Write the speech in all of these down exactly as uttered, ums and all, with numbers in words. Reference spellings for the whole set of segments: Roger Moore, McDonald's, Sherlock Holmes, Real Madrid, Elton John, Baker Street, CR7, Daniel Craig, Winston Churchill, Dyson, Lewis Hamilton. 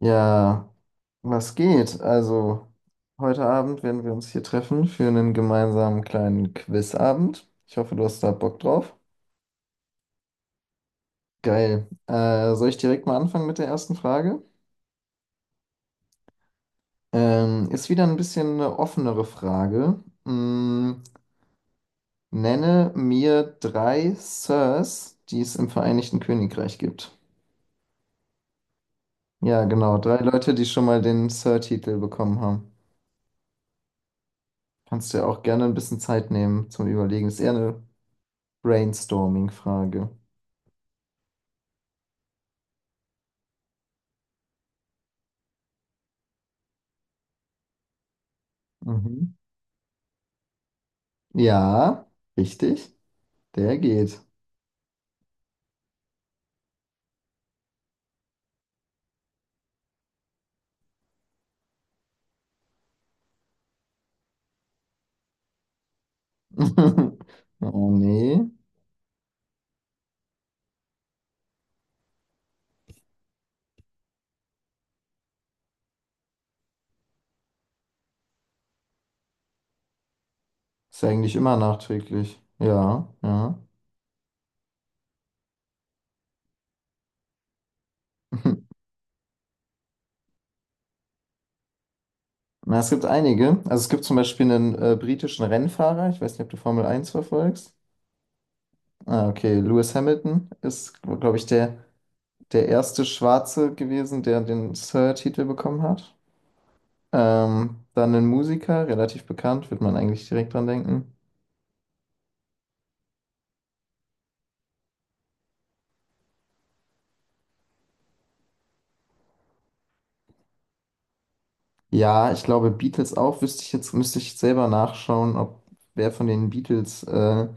Ja, was geht? Also, heute Abend werden wir uns hier treffen für einen gemeinsamen kleinen Quizabend. Ich hoffe, du hast da Bock drauf. Geil. Äh, soll ich direkt mal anfangen mit der ersten Frage? Ähm, ist wieder ein bisschen eine offenere Frage. Mm, nenne mir drei Sirs, die es im Vereinigten Königreich gibt. Ja, genau. Drei Leute, die schon mal den Sir-Titel bekommen haben. Kannst dir auch gerne ein bisschen Zeit nehmen zum Überlegen. Ist eher eine Brainstorming-Frage. Mhm. Ja, richtig. Der geht. Oh nee. Ist ja eigentlich immer nachträglich. Ja, ja. Na, es gibt einige. Also es gibt zum Beispiel einen äh, britischen Rennfahrer. Ich weiß nicht, ob du Formel Eins verfolgst. Ah, okay. Lewis Hamilton ist, glaube ich, der, der erste Schwarze gewesen, der den Sir-Titel bekommen hat. Ähm, dann ein Musiker, relativ bekannt, wird man eigentlich direkt dran denken. Ja, ich glaube Beatles auch. Wüsste ich jetzt, müsste ich selber nachschauen, ob wer von den Beatles äh,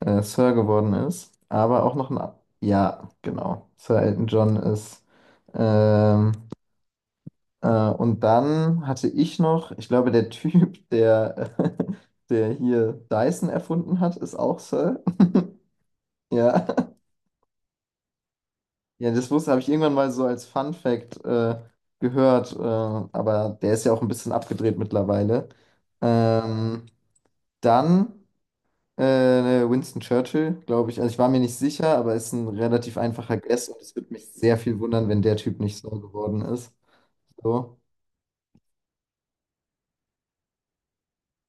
äh, Sir geworden ist. Aber auch noch ein. a- Ja, genau. Sir Elton John ist. Ähm, äh, und dann hatte ich noch, ich glaube, der Typ, der, der hier Dyson erfunden hat, ist auch Sir. Ja. Ja, das wusste, habe ich irgendwann mal so als Fun Fact äh, gehört. Äh, aber der ist ja auch ein bisschen abgedreht mittlerweile. Ähm, dann. Äh, äh, Winston Churchill, glaube ich. Also ich war mir nicht sicher, aber ist ein relativ einfacher Guess und es würde mich sehr viel wundern, wenn der Typ nicht so geworden ist. So.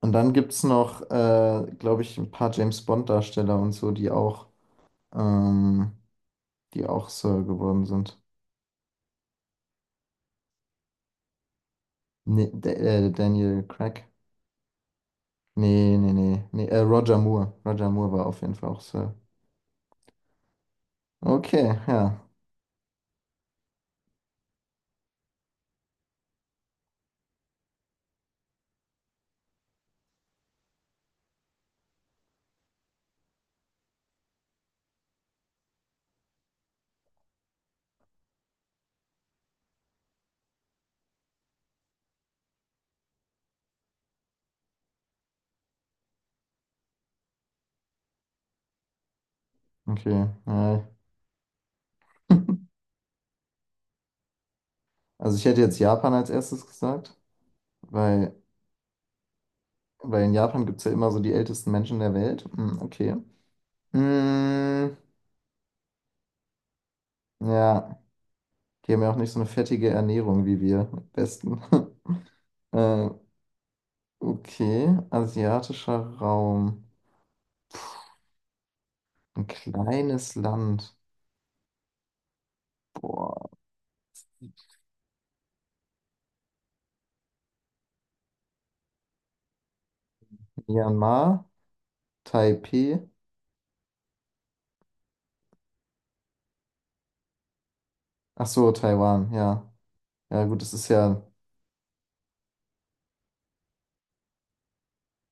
Und dann gibt es noch, äh, glaube ich, ein paar James Bond-Darsteller und so, die auch, ähm, die auch Sir geworden sind. Nee, da- äh, Daniel Craig. Nee, nee, nee, nee äh, Roger Moore. Roger Moore war auf jeden Fall auch Sir. Okay, ja. Okay, ja. Also ich hätte jetzt Japan als erstes gesagt, weil Weil in Japan gibt es ja immer so die ältesten Menschen der Welt. Hm, okay. Hm, ja, die haben ja auch nicht so eine fettige Ernährung wie wir, am besten. äh, okay, asiatischer Raum. Ein kleines Land. Boah. Myanmar, Taipei. Ach so, Taiwan, ja. Ja, gut, es ist ja,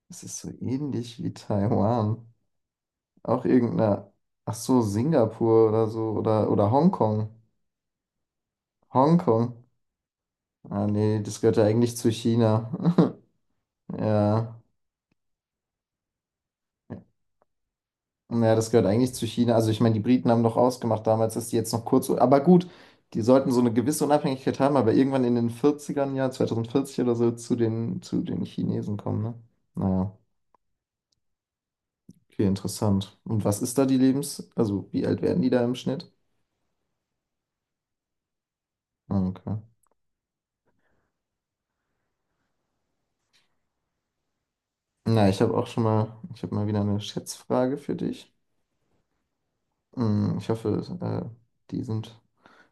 es ist so ähnlich wie Taiwan. Auch irgendeine, ach so, Singapur oder so, oder, oder Hongkong. Hongkong. Ah, nee, das gehört ja eigentlich zu China. Ja. Naja, das gehört eigentlich zu China. Also ich meine, die Briten haben doch ausgemacht damals, dass die jetzt noch kurz. Aber gut, die sollten so eine gewisse Unabhängigkeit haben, aber irgendwann in den Vierzigern, ja, zweitausendvierzig oder so, zu den, zu den Chinesen kommen, ne? Naja, okay, interessant. Und was ist da die Lebens... Also wie alt werden die da im Schnitt? Ah, okay. Na, ich habe auch schon mal, ich habe mal wieder eine Schätzfrage für dich. Hm, ich hoffe, äh, die sind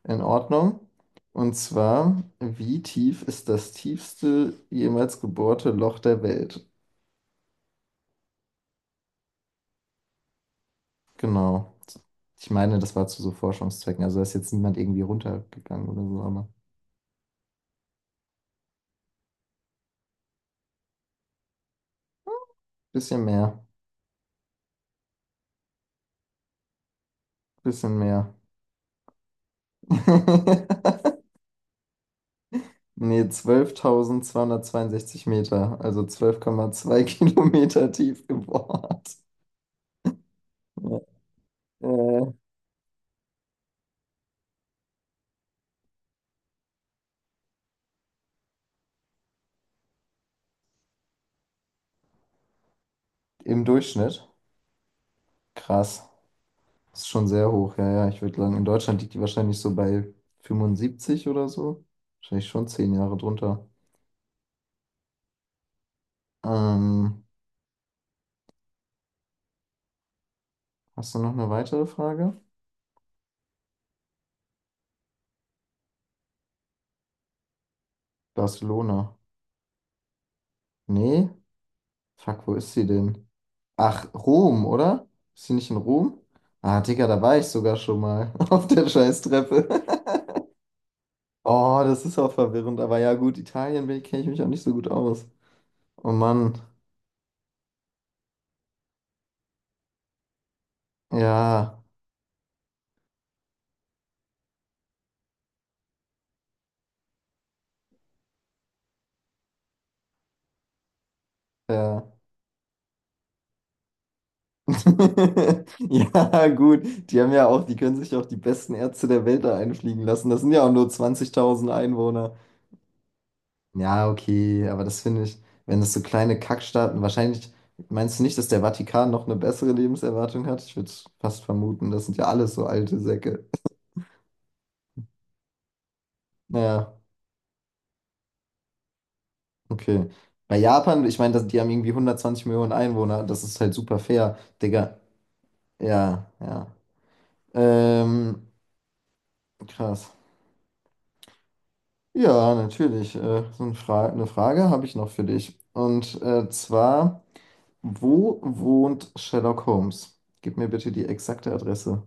in Ordnung. Und zwar, wie tief ist das tiefste jemals gebohrte Loch der Welt? Genau. Ich meine, das war zu so Forschungszwecken. Also da ist jetzt niemand irgendwie runtergegangen oder so, aber bisschen mehr. Bisschen mehr. Nee, zwölftausendzweihundertzweiundsechzig Meter, also zwölf Komma zwei Kilometer tief gebohrt. Ja. Äh, Im Durchschnitt. Krass. Ist schon sehr hoch, ja, ja. Ich würde sagen, in Deutschland liegt die wahrscheinlich so bei fünfundsiebzig oder so. Wahrscheinlich schon zehn Jahre drunter. Ähm, Hast du noch eine weitere Frage? Barcelona. Nee? Fuck, wo ist sie denn? Ach, Rom, oder? Ist sie nicht in Rom? Ah, Digga, da war ich sogar schon mal auf der Scheißtreppe. Oh, das ist auch verwirrend. Aber ja, gut, Italien kenne ich mich auch nicht so gut aus. Oh Mann. Ja, ja. Ja, gut. Die haben ja auch, die können sich auch die besten Ärzte der Welt da einfliegen lassen. Das sind ja auch nur zwanzigtausend Einwohner. Ja, okay, aber das finde ich, wenn das so kleine Kackstaaten, wahrscheinlich, meinst du nicht, dass der Vatikan noch eine bessere Lebenserwartung hat? Ich würde fast vermuten, das sind ja alles so alte Säcke. Ja, okay. Bei Japan, ich meine, das- die haben irgendwie hundertzwanzig Millionen Einwohner. Das ist halt super fair, Digga. Ja, ja. Ähm, Krass. Ja, natürlich. Äh, so ein Fra eine Frage habe ich noch für dich. Und äh, zwar, wo wohnt Sherlock Holmes? Gib mir bitte die exakte Adresse.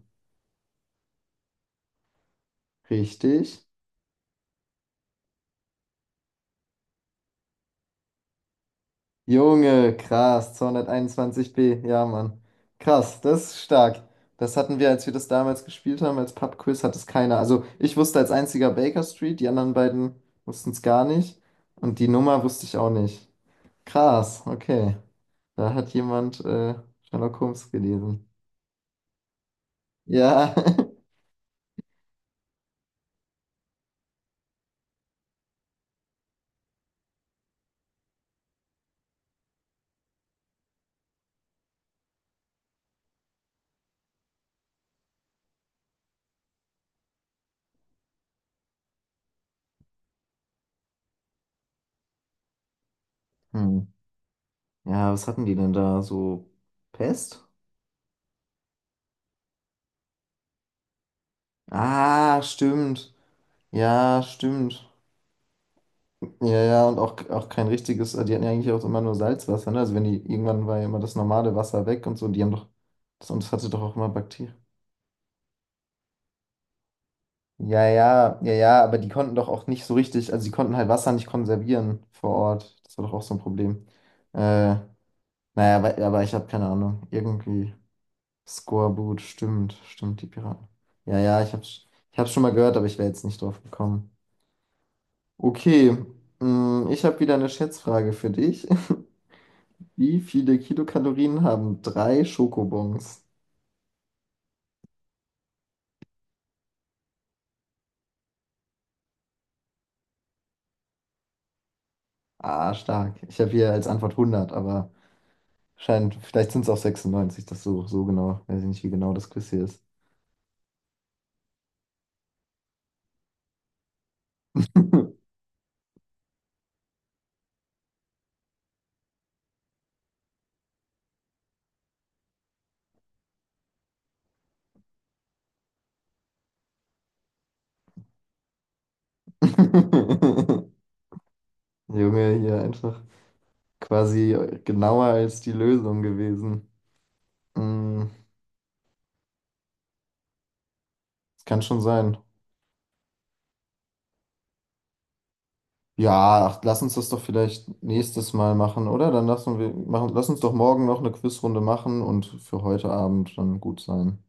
Richtig? Junge, krass, zweihunderteinundzwanzig b. Ja, Mann. Krass, das ist stark. Das hatten wir, als wir das damals gespielt haben, als Pub-Quiz, hat es keiner. Also ich wusste als einziger Baker Street, die anderen beiden wussten es gar nicht. Und die Nummer wusste ich auch nicht. Krass, okay. Da hat jemand äh, Sherlock Holmes gelesen. Ja. Hm. Ja, was hatten die denn da? So Pest? Ah, stimmt. Ja, stimmt. Ja, ja, und auch, auch kein richtiges, die hatten ja eigentlich auch immer nur Salzwasser, ne? Also wenn die, irgendwann war ja immer das normale Wasser weg und so, die haben doch, das, und das hatte doch auch immer Bakterien. Ja, ja, ja, ja, aber die konnten doch auch nicht so richtig, also die konnten halt Wasser nicht konservieren vor Ort. Das war doch auch so ein Problem. Äh, naja, aber, aber ich habe keine Ahnung. Irgendwie. Skorbut, stimmt, stimmt, die Piraten. Ja, ja, ich hab's, ich hab's schon mal gehört, aber ich wäre jetzt nicht drauf gekommen. Okay, mm, ich habe wieder eine Schätzfrage für dich. Wie viele Kilokalorien haben drei Schokobons? Ah, stark. Ich habe hier als Antwort hundert, aber scheint, vielleicht sind es auch sechsundneunzig das so, so genau. Weiß ich nicht, wie genau das Quiz hier ist. Junge, hier einfach quasi genauer als die Lösung gewesen. Mm. Das kann schon sein. Ja, ach, lass uns das doch vielleicht nächstes Mal machen, oder? Dann lassen wir, machen, lass uns doch morgen noch eine Quizrunde machen und für heute Abend dann gut sein.